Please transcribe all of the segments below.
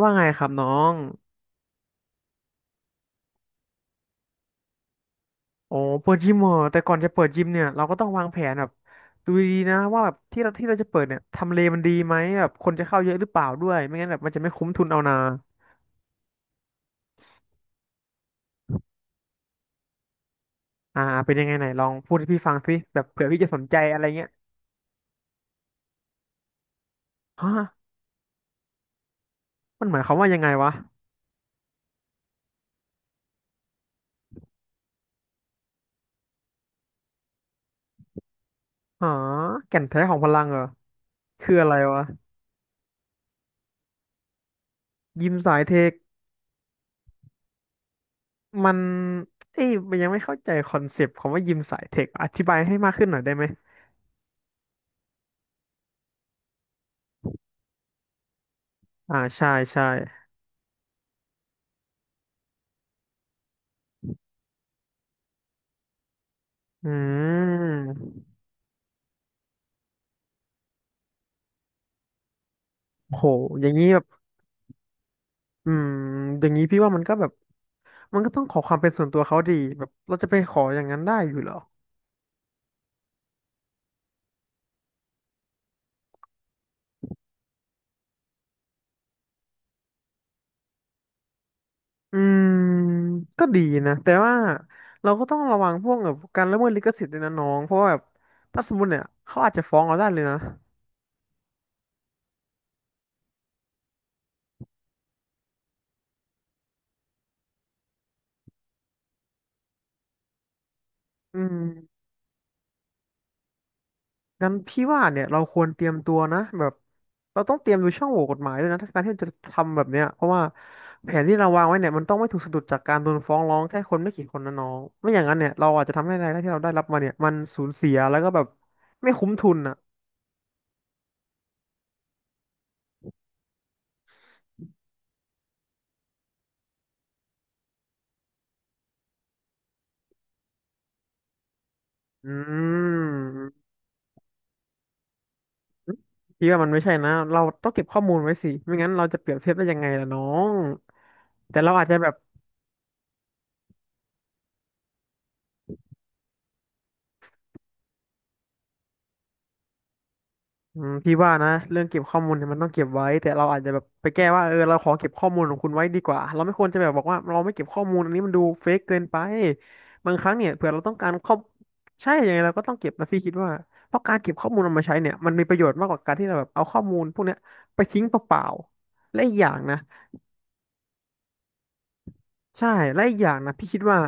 ว่าไงครับน้องโอ้เปิดยิมเหรอแต่ก่อนจะเปิดยิมเนี่ยเราก็ต้องวางแผนแบบดูดีๆนะว่าแบบที่เราจะเปิดเนี่ยทำเลมันดีไหมแบบคนจะเข้าเยอะหรือเปล่าด้วยไม่งั้นแบบมันจะไม่คุ้มทุนเอานาอ่าเป็นยังไงไหนลองพูดให้พี่ฟังสิแบบเผื่อพี่จะสนใจอะไรเงี้ยฮะมันหมายความว่ายังไงวะฮาแก่นแท้ของพลังเหรอคืออะไรวะยิมสายเทคมันเอ้ยมันยังไม่เข้าใจคอนเซปต์ของว่ายิมสายเทคอธิบายให้มากขึ้นหน่อยได้ไหมอ่าใช่ใช่อืม โอ้โหอย่างนี้แบบอืมอย่างนี้พี่ว่ามันก็แบบมันก็ต้องขอความเป็นส่วนตัวเขาดีแบบเราจะไปขออย่างนั้นได้อยู่เหรออืมก็ดีนะแต่ว่าเราก็ต้องระวังพวกแบบการละเมิดลิขสิทธิ์ด้วยนะน้องเพราะว่าแบบถ้าสมมติเนี่ยเขาอาจจะฟ้องเราได้เลยนะอืม งั้นพี่ว่าเนี่ยเราควรเตรียมตัวนะแบบเราต้องเตรียมดูช่องโหว่กฎหมายด้วยนะถ้าการที่จะทำแบบเนี้ยเพราะว่าแผนที่เราวางไว้เนี่ยมันต้องไม่ถูกสะดุดจากการโดนฟ้องร้องแค่คนไม่กี่คนนะน้องไม่อย่างนั้นเนี่ยเราอาจจะทำให้รายได้ที่เราได้รับมาเนี่ยมันสูญเสียแล้วก็แบบไม่คุ้มทุนอ่ะอืมพี่ว่ามันไม่ใช่นะเราต้องเก็บข้อมูลไว้สิไม่งั้นเราจะเปรียบเทียบได้ยังไงล่ะน้องแต่เราอาจจะแบบ อืมพี่ว่านะเรื่องเก็บข้อมูลเนี่ยมันต้องเก็บไว้แต่เราอาจจะแบบไปแก้ว่าเออเราขอเก็บข้อมูลของคุณไว้ดีกว่าเราไม่ควรจะแบบบอกว่าเราไม่เก็บข้อมูลอันนี้มันดูเฟกเกินไปบางครั้งเนี่ยเผื่อเราต้องการข้อใช่ยังไงเราก็ต้องเก็บนะพี่คิดว่าเพราะการเก็บข้อมูลเอามาใช้เนี่ยมันมีประโยชน์มากกว่าการที่เราแบบเอาข้อมูลพวกเนี้ยไปทิ้งเปล่าๆและอีกอย่างนะใช่และอีกอย่างนะพี่คิดว่า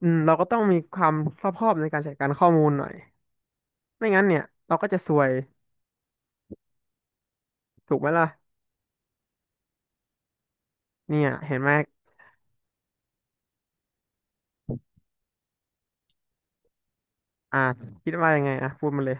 อืมเราก็ต้องมีความรอบคอบในการจัดการข้อมูลหน่อยไม่งั้นเนี่ยเราก็จะซวยถูกไหมล่ะเนี่ยเห็นไหมอ่ะคิดว่ายังไงอ่ะพูดมาเลย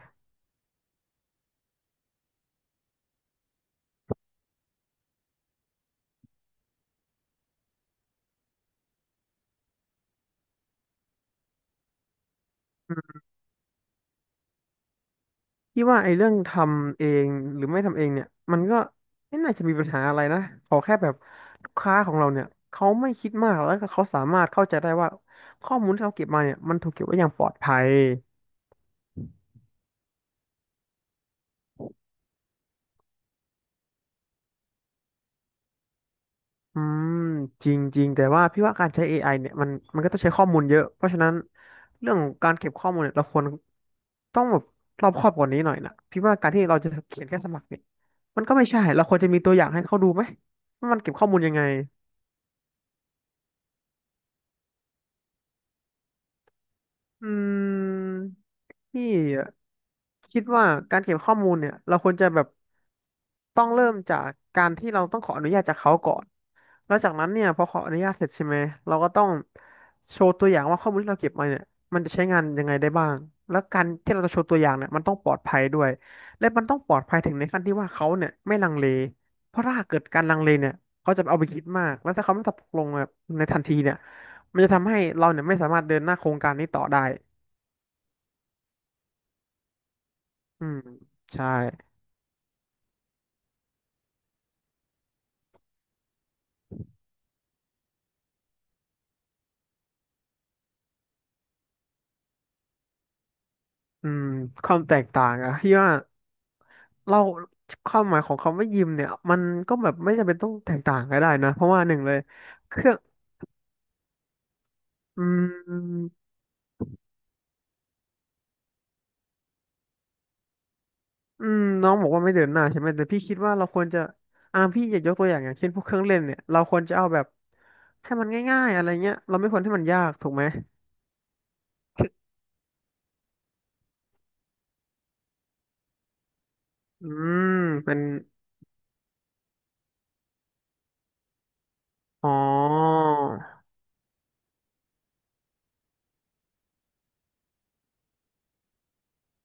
พี่ว่าไอ้เรื่องทำเองหรือไม่ทำเองเนี่ยมันก็ไม่น่าจะมีปัญหาอะไรนะขอแค่แบบลูกค้าของเราเนี่ยเขาไม่คิดมากแล้วก็เขาสามารถเข้าใจได้ว่าข้อมูลที่เราเก็บมาเนี่ยมันถูกเก็บไว้อย่างปลอดภัยอืมจริงๆแต่ว่าพี่ว่าการใช้เอไอเนี่ยมันก็ต้องใช้ข้อมูลเยอะเพราะฉะนั้นเรื่องของการเก็บข้อมูลเนี่ยเราควรต้องแบบรอบคอบกว่านี้หน่อยนะพี่ว่าการที่เราจะเขียนแค่สมัครเนี่ยมันก็ไม่ใช่เราควรจะมีตัวอย่างให้เขาดูไหมว่ามันเก็บข้อมูลยังไง อืมพี่คิดว่าการเก็บข้อมูลเนี่ยเราควรจะแบบต้องเริ่มจากการที่เราต้องขออนุญาตจากเขาก่อนแล้วจากนั้นเนี่ยพอขออนุญาตเสร็จใช่ไหมเราก็ต้องโชว์ตัวอย่างว่าข้อมูลที่เราเก็บมาเนี่ยมันจะใช้งานยังไงได้บ้าง แล้วการที่เราจะโชว์ตัวอย่างเนี่ยมันต้องปลอดภัยด้วยและมันต้องปลอดภัยถึงในขั้นที่ว่าเขาเนี่ยไม่ลังเลเพราะถ้าเกิดการลังเลเนี่ยเขาจะเอาไปคิดมากแล้วถ้าเขาไม่ตกลงแบบในทันทีเนี่ยมันจะทำให้เราเนี่ยไม่สามารถเดินหน้าโครงการนี้ต่อได้ อืมใช่อืมความแตกต่างอะที่ว่าเราความหมายของคำว่ายิมเนี่ยมันก็แบบไม่จำเป็นต้องแตกต่างก็ได้นะเพราะว่าหนึ่งเลยเครื่องอืมอืมน้องบอกว่าไม่เดินหน้าใช่ไหมแต่พี่คิดว่าเราควรจะพี่อยากยกตัวอย่างอย่างเช่นพวกเครื่องเล่นเนี่ยเราควรจะเอาแบบให้มันง่ายๆอะไรเงี้ยเราไม่ควรให้มันยากถูกไหมอืมเป็นอ๋อ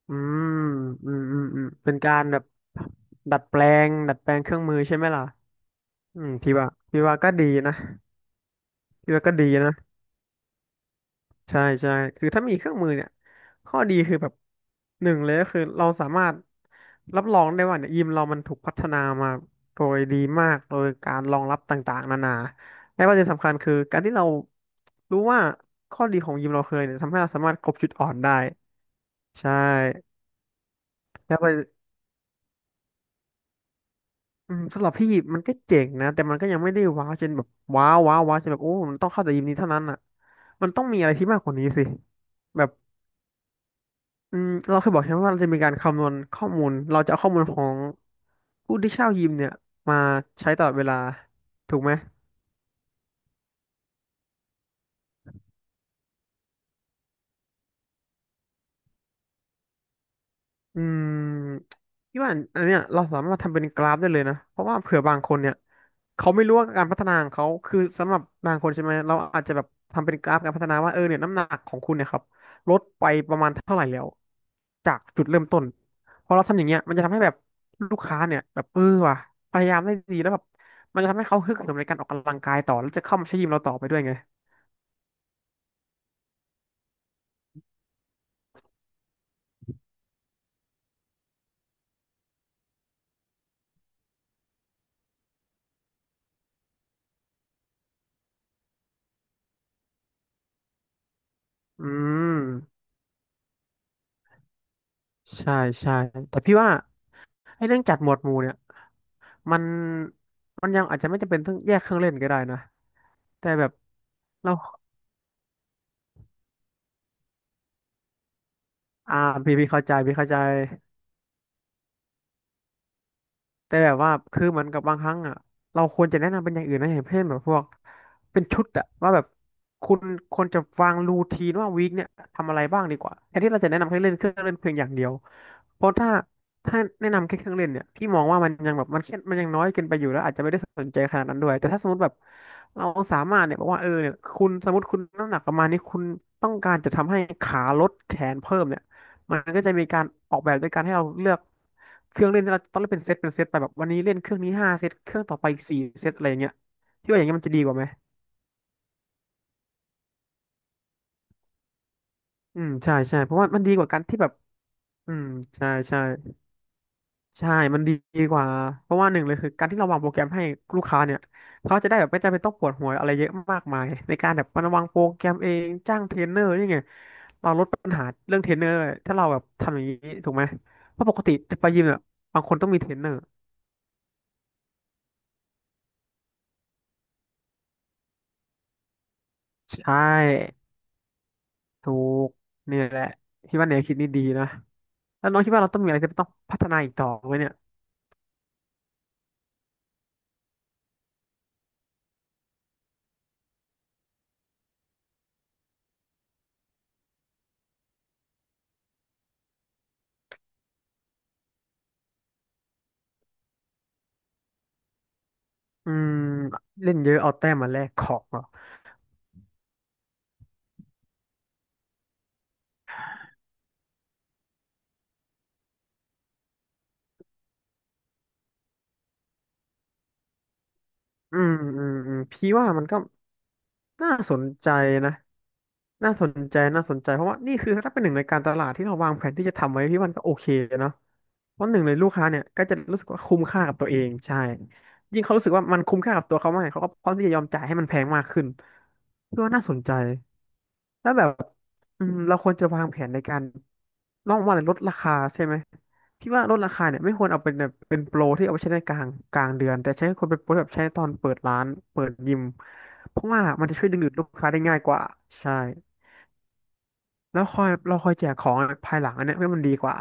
อืมอืมอืมเป็นการแบบดัดแปลดัดแปลงเครื่องมือใช่ไหมล่ะ อืมพี่ว่าก็ดีนะพี่ว่าก็ดีนะใช่ใช่คือถ้ามีเครื่องมือเนี่ยข้อดีคือแบบหนึ่งเลยก็คือเราสามารถรับรองได้ว่าเนี่ยยิมเรามันถูกพัฒนามาโดยดีมากโดยการรองรับต่างๆนานาและประเด็นสำคัญคือการที่เรารู้ว่าข้อดีของยิมเราเคยเนี่ยทำให้เราสามารถกลบจุดอ่อนได้ใช่แล้ว อืมสำหรับพี่มันก็เจ๋งนะแต่มันก็ยังไม่ได้ว้าวจนแบบว้าวว้าวว้าวจนแบบโอ้มันต้องเข้าแต่ยิมนี้เท่านั้นอ่ะมันต้องมีอะไรที่มากกว่านี้สิแบบอืมเราเคยบอกใช่ไหมว่าเราจะมีการคำนวณข้อมูลเราจะเอาข้อมูลของผู้ที่เช่ายิมเนี่ยมาใช้ตลอดเวลาถูกไหม อืมพี่ว่าอันเนี้ยเราสามารถทำเป็นกราฟได้เลยนะเพราะว่าเผื่อบางคนเนี่ยเขาไม่รู้ว่าการพัฒนาของเขาคือสำหรับบางคนใช่ไหมเราอาจจะแบบทำเป็นกราฟการพัฒนาว่าเออเนี่ยน้ำหนักของคุณเนี่ยครับลดไปประมาณเท่าไหร่แล้วจากจุดเริ่มต้นพอเราทำอย่างเงี้ยมันจะทำให้แบบลูกค้าเนี่ยแบบเออว่ะพยายามได้ดีแล้วแบบมันจะทำให้เขาฮึกเหิมในการออกกำลังกายต่อแล้วจะเข้ามาใช้ยิมเราต่อไปด้วยไงอืมใช่ใช่แต่พี่ว่าไอ้เรื่องจัดหมวดหมู่เนี่ย มันมันยังอาจจะไม่จำเป็นต้องแยกเครื่องเล่นก็ได้นะแต่แบบเราอ่าพี่เข้าใจพี่เข้าใจ แต่แบบว่าคือเหมือนกับบางครั้งอ่ะเราควรจะแนะนำเป็นอย่างอื่นนะอย่างเช่นแบบพวกเป็นชุดอ่ะว่าแบบคุณควรจะวางรูทีนว่าวีคเนี่ยทำอะไรบ้างดีกว่าแทนที่เราจะแนะนำให้เล่นเครื่องเล่นเพียงอย่างเดียวเพราะถ้าแนะนำแค่เครื่องเล่นเนี่ยพี่มองว่ามันยังแบบมันแค่มันยังน้อยเกินไปอยู่แล้วอาจจะไม่ได้สนใจขนาดนั้นด้วยแต่ถ้าสมมติแบบเราสามารถเนี่ยบอกว่าเออเนี่ยคุณสมมติคุณน้ำหนักประมาณนี้คุณต้องการจะทำให้ขาลดแขนเพิ่มเนี่ย มันก็จะมีการออกแบบด้วยการให้เราเลือกเครื่องเล่นที่เราต้องเล่นเป็นเซตเป็นเซตไปแบบวันนี้เล่นเครื่องนี้ห้าเซตเครื่องต่อไปอีกสี่เซตอะไรอย่างเงี้ยพี่ว่าอย่างเงี้ยมันจะดีกว่าไหมอืมใช่ใช่เพราะว่ามันดีกว่าการที่แบบอืมใช่ใช่ใช่มันดีกว่าเพราะว่าหนึ่งเลยคือการที่เราวางโปรแกรมให้ลูกค้าเนี่ยเขาจะได้แบบไม่จำเป็นต้องปวดหัวอะไรเยอะมากมายในการแบบมาวางโปรแกรมเองจ้างเทรนเนอร์นี่ไงเราลดปัญหาเรื่องเทรนเนอร์ถ้าเราแบบทำอย่างนี้ถูกไหมเพราะปกติจะไปยิมเนี่ยบางคนต้องมีเทรนเนอร์ใช่ ถูกนี่แหละพี่ว่าแนวคิดนี่ดีนะแล้วน้องคิดว่าเราต้องมีอะไรที่ต้องพัฒนาอีกต่อไหมเนี่ยอืมเล่นเยอะเอาแต้มมาแลกของเหรออืมอืมอืมพี่ว่ามันก็น่าสนใจนะน่าสนใจน่าสนใจเพราะว่านี่คือถ้าเป็นหนึ่งในการตลาดที่เราวางแผนที่จะทำไว้พี่ว่ามันก็โอเคเนาะเพราะหนึ่งเลยลูกค้าเนี่ยก็จะรู้สึกว่าคุ้มค่ากับตัวเองใช่ยิ่งเขารู้สึกว่ามันคุ้มค่ากับตัวเขามากเขาก็พร้อมที่จะยอมจ่ายให้มันแพงมากขึ้นพี่ว่าน่าสนใจ แล้วแบบอืมเราควรจะวางแผนในการน้องว่าลดราคาใช่ไหมพี่ว่าลดราคาเนี่ยไม่ควรเอาเป็นแบบเป็นโปรที่เอาไปใช้ในกลางเดือนแต่ใช้ควรเป็นโปรแบบใช้ตอนเปิดร้านเปิดยิมเพราะว่ามันจะช่วยดึงดูดลูกค้าได้ง่ายกว่าใช่แล้วคอยเราคอยแจกของภายหลังอันเนี้ยให้มันดีกว่า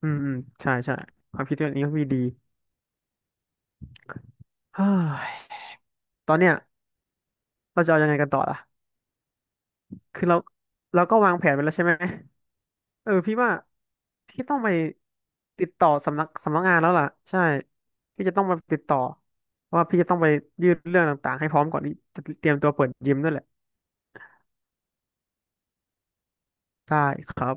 อืมอืมใช่ใช่ความคิดเรงนี้ก็มีดีเฮ้ยตอนเนี้ยเราจะเอายังไงกันต่อล่ะคือเราก็วางแผนไปแล้วใช่ไหม เออพี่ว่าพี่ต้องไปติดต่อสำนักงานแล้วล่ะใช่พี่จะต้องไปติดต่อเพราะว่าพี่จะต้องไปยื่นเรื่องต่างๆให้พร้อมก่อนที่จะเตรียมตัวเปิดยิมด้วยแหละได้ครับ